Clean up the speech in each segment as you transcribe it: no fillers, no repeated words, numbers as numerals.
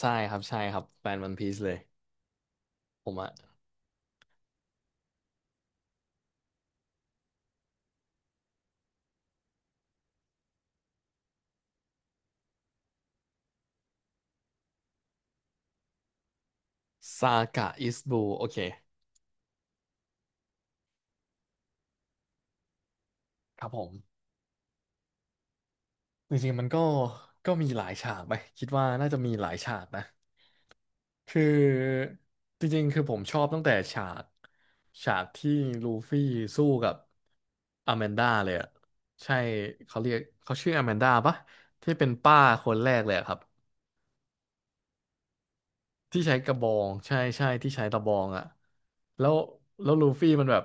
ใช่ครับใช่ครับแฟนวันพีซเลยผมอะซากะอิสบูโอเคครับผมจริงๆมันก็มีหลายฉากไปคิดว่าน่าจะมีหลายฉากนะคือจริงๆคือผมชอบตั้งแต่ฉากที่ลูฟี่สู้กับอแมนดาเลยอะใช่เขาเรียกเขาชื่ออแมนดาปะที่เป็นป้าคนแรกเลยอะครับ ที่ใช้กระบองใช่ใช่ที่ใช้ตะบองอ่ะแล้วแล้วลูฟี่มันแบบ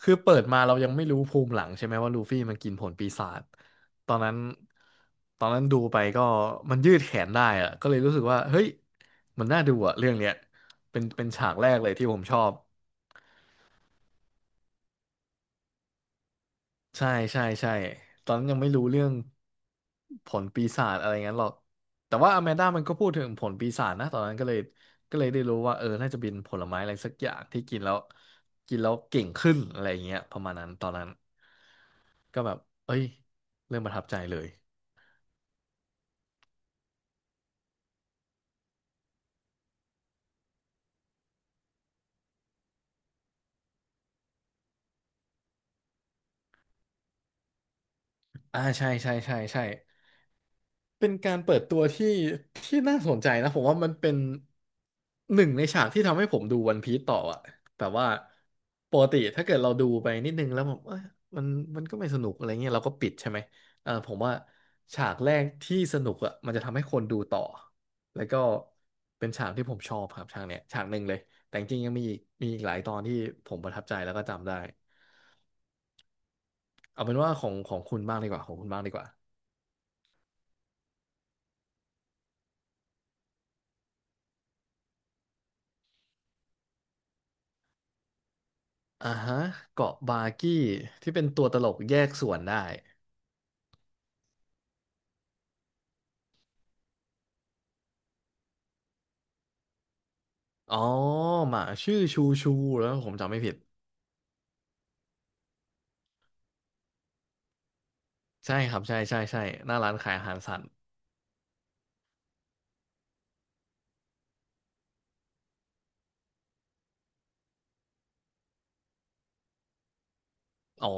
คือเปิดมาเรายังไม่รู้ภูมิหลังใช่ไหมว่าลูฟี่มันกินผลปีศาจตอนนั้นตอนนั้นดูไปก็มันยืดแขนได้อะก็เลยรู้สึกว่าเฮ้ยมันน่าดูอ่ะเรื่องเนี้ยเป็นฉากแรกเลยที่ผมชอบ ใช่ใช่ใช่ตอนนั้นยังไม่รู้เรื่องผลปีศาจอะไรงั้นหรอกแต่ว่าอแมนด้ามันก็พูดถึงผลปีศาจนะตอนนั้นก็เลยได้รู้ว่าเออน่าจะเป็นผลไม้อะไรสักอย่างที่กินแล้วกินแล้วเก่งขึ้นอะไรอย่างเงี้ยประมาณนั้นตอนนั้นก็แบบเอ้ยเริ่มประทับใจเลยอ่าใช่ใช่ใช่ใช่ เป็นการเปิดตัวที่น่าสนใจนะผมว่ามันเป็นหนึ่งในฉากที่ทำให้ผมดูวันพีซต่ออะแบบว่าปกติถ้าเกิดเราดูไปนิดนึงแล้วแบบเอ้ยมันมันก็ไม่สนุกอะไรเงี้ยเราก็ปิดใช่ไหมเออผมว่าฉากแรกที่สนุกอะมันจะทำให้คนดูต่อแล้วก็เป็นฉากที่ผมชอบครับฉากเนี้ยฉากหนึ่งเลยแต่จริงๆยังมีอีกหลายตอนที่ผมประทับใจแล้วก็จำได้เอาเป็นว่าของคุณบ้างดีกว่าของคุณบ้างดีกว่า อ่าฮะเกาะบากี้ที่เป็นตัวตลกแยกส่วนได้ อ๋อหมาชื่อชูชูแล้วผมจำไม่ผิดใช่ครับใช่ใช่ใช่หน้าร้านขายอาหารสัตว์อ๋อ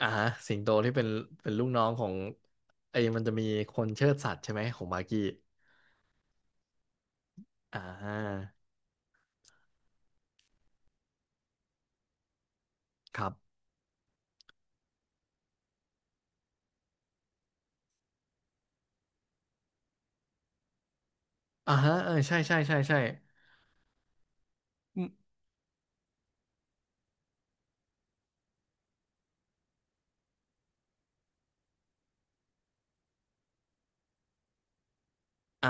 อ่าฮะสิงโตที่เป็นลูกน้องของไอ้มันจะมีคนเชิดสัตว์ใช่ไหมของบากี้อ่าครับอ่าฮะเออใช่ใช่ใช่ใช่ อ่า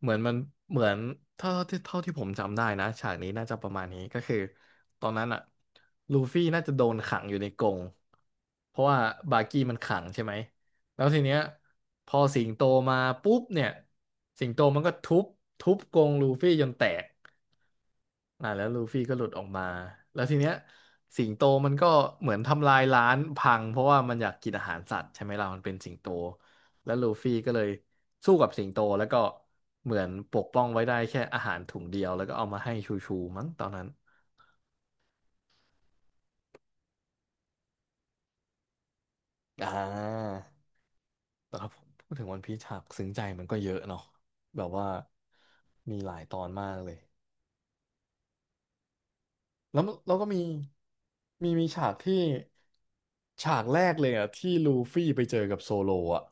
เหมือนมันเหมือนเท่าที่ผมจำได้นะฉากนี้น่าจะประมาณนี้ก็คือตอนนั้นอะลูฟี่น่าจะโดนขังอยู่ในกรงเพราะว่าบากี้มันขังใช่ไหมแล้วทีเนี้ยพอสิงโตมาปุ๊บเนี่ยสิงโตมันก็ทุบกรงลูฟี่จนแตก อ่าแล้วลูฟี่ก็หลุดออกมาแล้วทีเนี้ยสิงโตมันก็เหมือนทำลายร้านพังเพราะว่ามันอยากกินอาหารสัตว์ใช่ไหมล่ะมันเป็นสิงโตแล้วลูฟี่ก็เลยสู้กับสิงโตแล้วก็เหมือนปกป้องไว้ได้แค่อาหารถุงเดียวแล้วก็เอามาให้ชูชูมั้งตอนนั้นอ่าแต่ถ้าพูดถึงวันพีชฉากซึ้งใจมันก็เยอะเนาะแบบว่ามีหลายตอนมากเลย แล้วเราก็มีมีฉากที่ฉากแรกเลยอ่ะที่ลูฟี่ไปเจอกับโซโลอ่ะ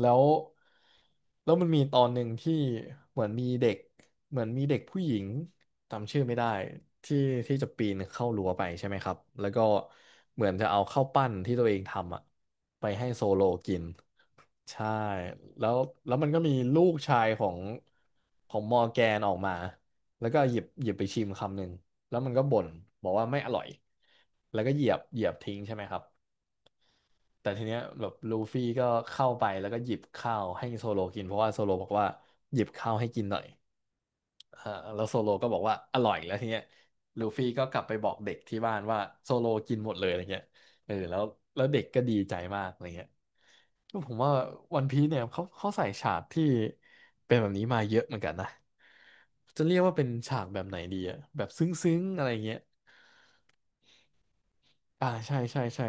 แล้วแล้วมันมีตอนหนึ่งที่เหมือนมีเด็กเหมือนมีเด็กผู้หญิงจำชื่อไม่ได้ที่จะปีนเข้ารั้วไปใช่ไหมครับแล้วก็เหมือนจะเอาข้าวปั้นที่ตัวเองทำอ่ะไปให้โซโลกินใช่แล้วมันก็มีลูกชายของมอร์แกนออกมาแล้วก็หยิบไปชิมคำหนึ่งแล้วมันก็บ่นบอกว่าไม่อร่อยแล้วก็เหยียบทิ้งใช่ไหมครับ แต่ทีเนี้ยแบบลูฟี่ก็เข้าไปแล้วก็หยิบข้าวให้โซโลกินเพราะว่าโซโลบอกว่าหยิบข้าวให้กินหน่อยอ่าแล้วโซโลก็บอกว่าอร่อยแล้วทีเนี้ยลูฟี่ก็กลับไปบอกเด็กที่บ้านว่าโซโลกินหมดเลยอะไรเงี้ยเออแล้วเด็กก็ดีใจมากอะไรเงี้ยก็ผมว่าวันพีเนี่ยเขาใส่ฉากที่เป็นแบบนี้มาเยอะเหมือนกันนะจะเรียกว่าเป็นฉากแบบไหนดีอะแบบซึ้งๆอะไรเงี้ยอ่าใช่ใช่ใช่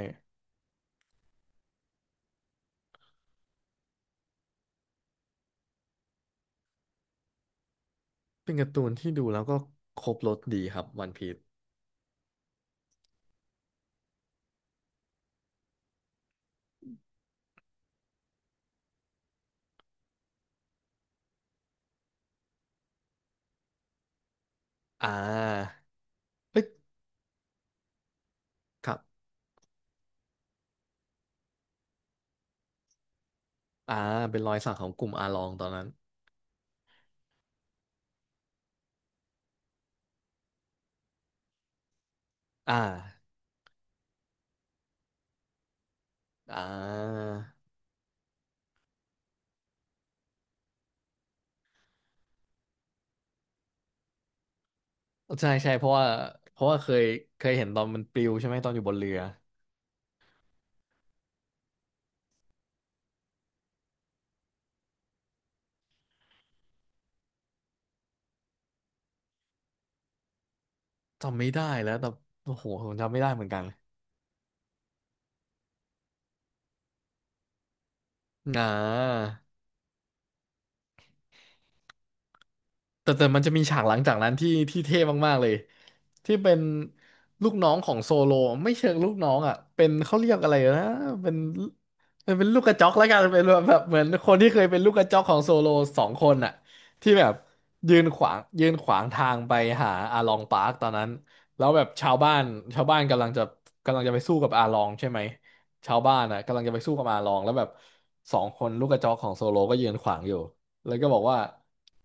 เป็นการ์ตูนที่ดูแล้วก็ครบรสดีครับวันพีซ อ่าเฮ้ยครับอ่าเป็นรอยสักของกลุ่มอาลองตอนนั้น อ่าอ่า ใช่ใช่เพราะว่าเคยเห็นตอนมันปลิวใช่ไหมตอนอยู่บนเรือ จำไม่ได้แล้วแต่โอ้โห ผมจำไม่ได้เหมือนกัน อ่า แต่มันจะมีฉากหลังจากนั้นที่เท่มากๆเลยที่เป็นลูกน้องของโซโลไม่เชิงลูกน้องอ่ะเป็นเขาเรียกอะไรนะเป็นลูกกระจอกแล้วกันเป็นแบบเหมือนคนที่เคยเป็นลูกกระจอกของโซโลสองคนอ่ะที่แบบยืนขวางยืนขวางทางไปหาอาลองปาร์คตอนนั้นแล้วแบบชาวบ้านชาวบ้านกำลังจะกำลังจะไปสู้กับอาลองใช่ไหมชาวบ้านอ่ะกำลังจะไปสู้กับอาลองแล้วแบบสองคนลูกกระจอกของโซโลก็ยืนขวางอยู่ แล้วก็บอกว่า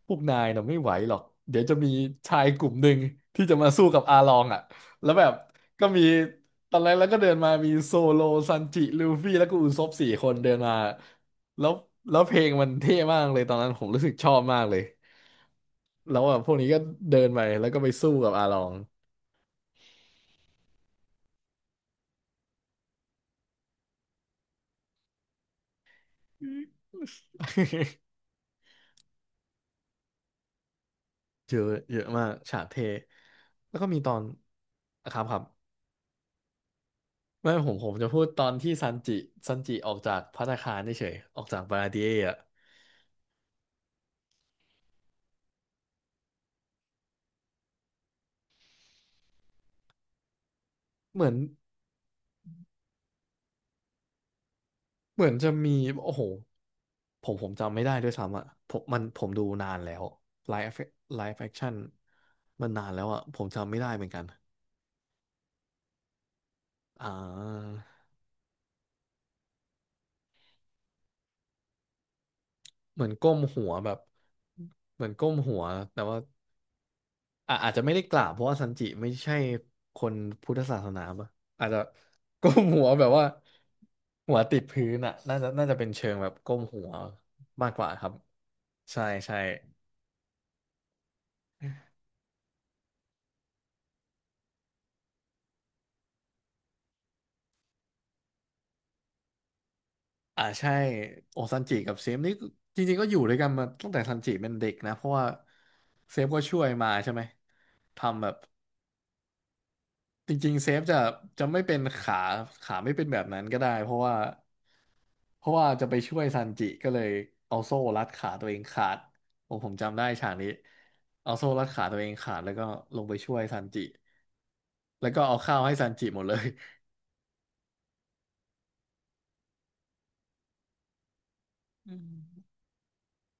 พวกนายน่ะไม่ไหวหรอกเดี๋ยวจะมีชายกลุ่มหนึ่งที่จะมาสู้กับอาลองอ่ะแล้วแบบก็มีตอนแรกแล้วก็เดินมามีโซโลซันจิลูฟี่แล้วก็อุซบสี่คนเดินมาแล้วแล้วเพลงมันเท่มากเลยตอนนั้นผมรู้สึกชอบมากเลยแล้วแบบพวกนี้ก็เดินไปแล้วก็ไปสู้กับอาลอง เยอะเยอะมากฉากเทแล้วก็มีตอนครับครับ ไม่ผมจะพูดตอนที่ซันจิซันจิออกจากภัตตาคารเฉยๆออกจากบาราเดียอ่ะเหมือนเหมือนจะมีโอ้โหผมจำไม่ได้ด้วยซ้ำอ่ะผมมันผมดูนานแล้วไลฟ์ไลฟ์แอคชั่นมันนานแล้วอ่ะผมจำไม่ได้เหมือนกันอ่าเหมือนก้มหัวแบบเหมือนก้มหัวแต่ว่า อ่ะอาจจะไม่ได้กล่าวเพราะว่าซันจิไม่ใช่คนพุทธศาสนาปะอาจจะก้มหัวแบบว่าหัวติดพื้นอ่ะน่าจะเป็นเชิงแบบก้มหัวมากกว่าครับใช่ใช่อ่าใช่โอซันจิกับเซฟนี่จริงๆก็อยู่ด้วยกันมาตั้งแต่ซันจิเป็นเด็กนะเพราะว่าเซฟก็ช่วยมาใช่ไหมทำแบบ จริงๆเซฟจะจะไม่เป็นขาขาไม่เป็นแบบนั้นก็ได้เพราะว่าเพราะว่าจะไปช่วยซันจิก็เลยเอาโซ่รัดขาตัวเองขาดโอ้ผมจำได้ฉากนี้เอาโซ่รัดขาตัวเองขาดแล้วก็ลงไปช่วยซันจิแล้วก็เอาข้าวให้ซันจิหมดเลย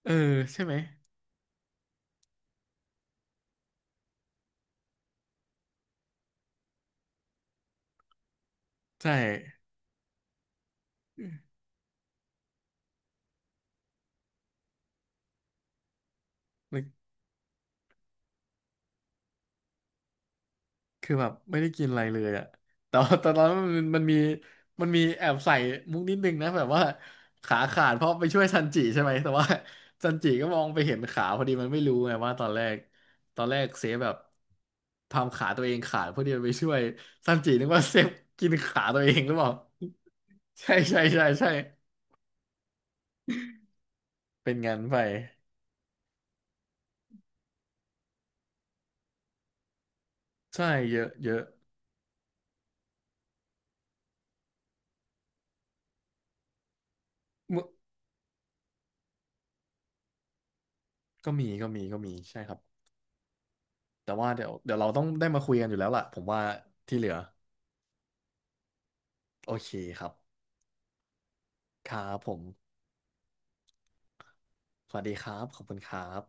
เออใช่ไหมใช่ คือแบบไม่ได้กินอะไรเลยอะแต่ว่า แต่ตอนนั้นมันมีมันมีแอบใส่มุกนิดนึงนะแบบว่าขาขาดเพราะไปช่วยซันจิใช่ไหมแต่ว่าซันจิก็มองไปเห็นขาพอดีมันไม่รู้ไงว่าตอนแรกตอนแรกเซฟแบบทำขาตัวเองขาดเพื่อที่จะไปช่วยซันจินึกว่าเซฟกินขาตัวเองหรือเปล่า ใช่ใช่ใช่ใช่เป็นงานไปใช่เยอะเยอะมืก็มีใช่ครับแต่ว่าเดี๋ยวเราต้องได้มาคุยกันอยู่แล้วล่ะผมว่าที่เหลือ โอเคครับครับผม สวัสดีครับ ขอบคุณครับ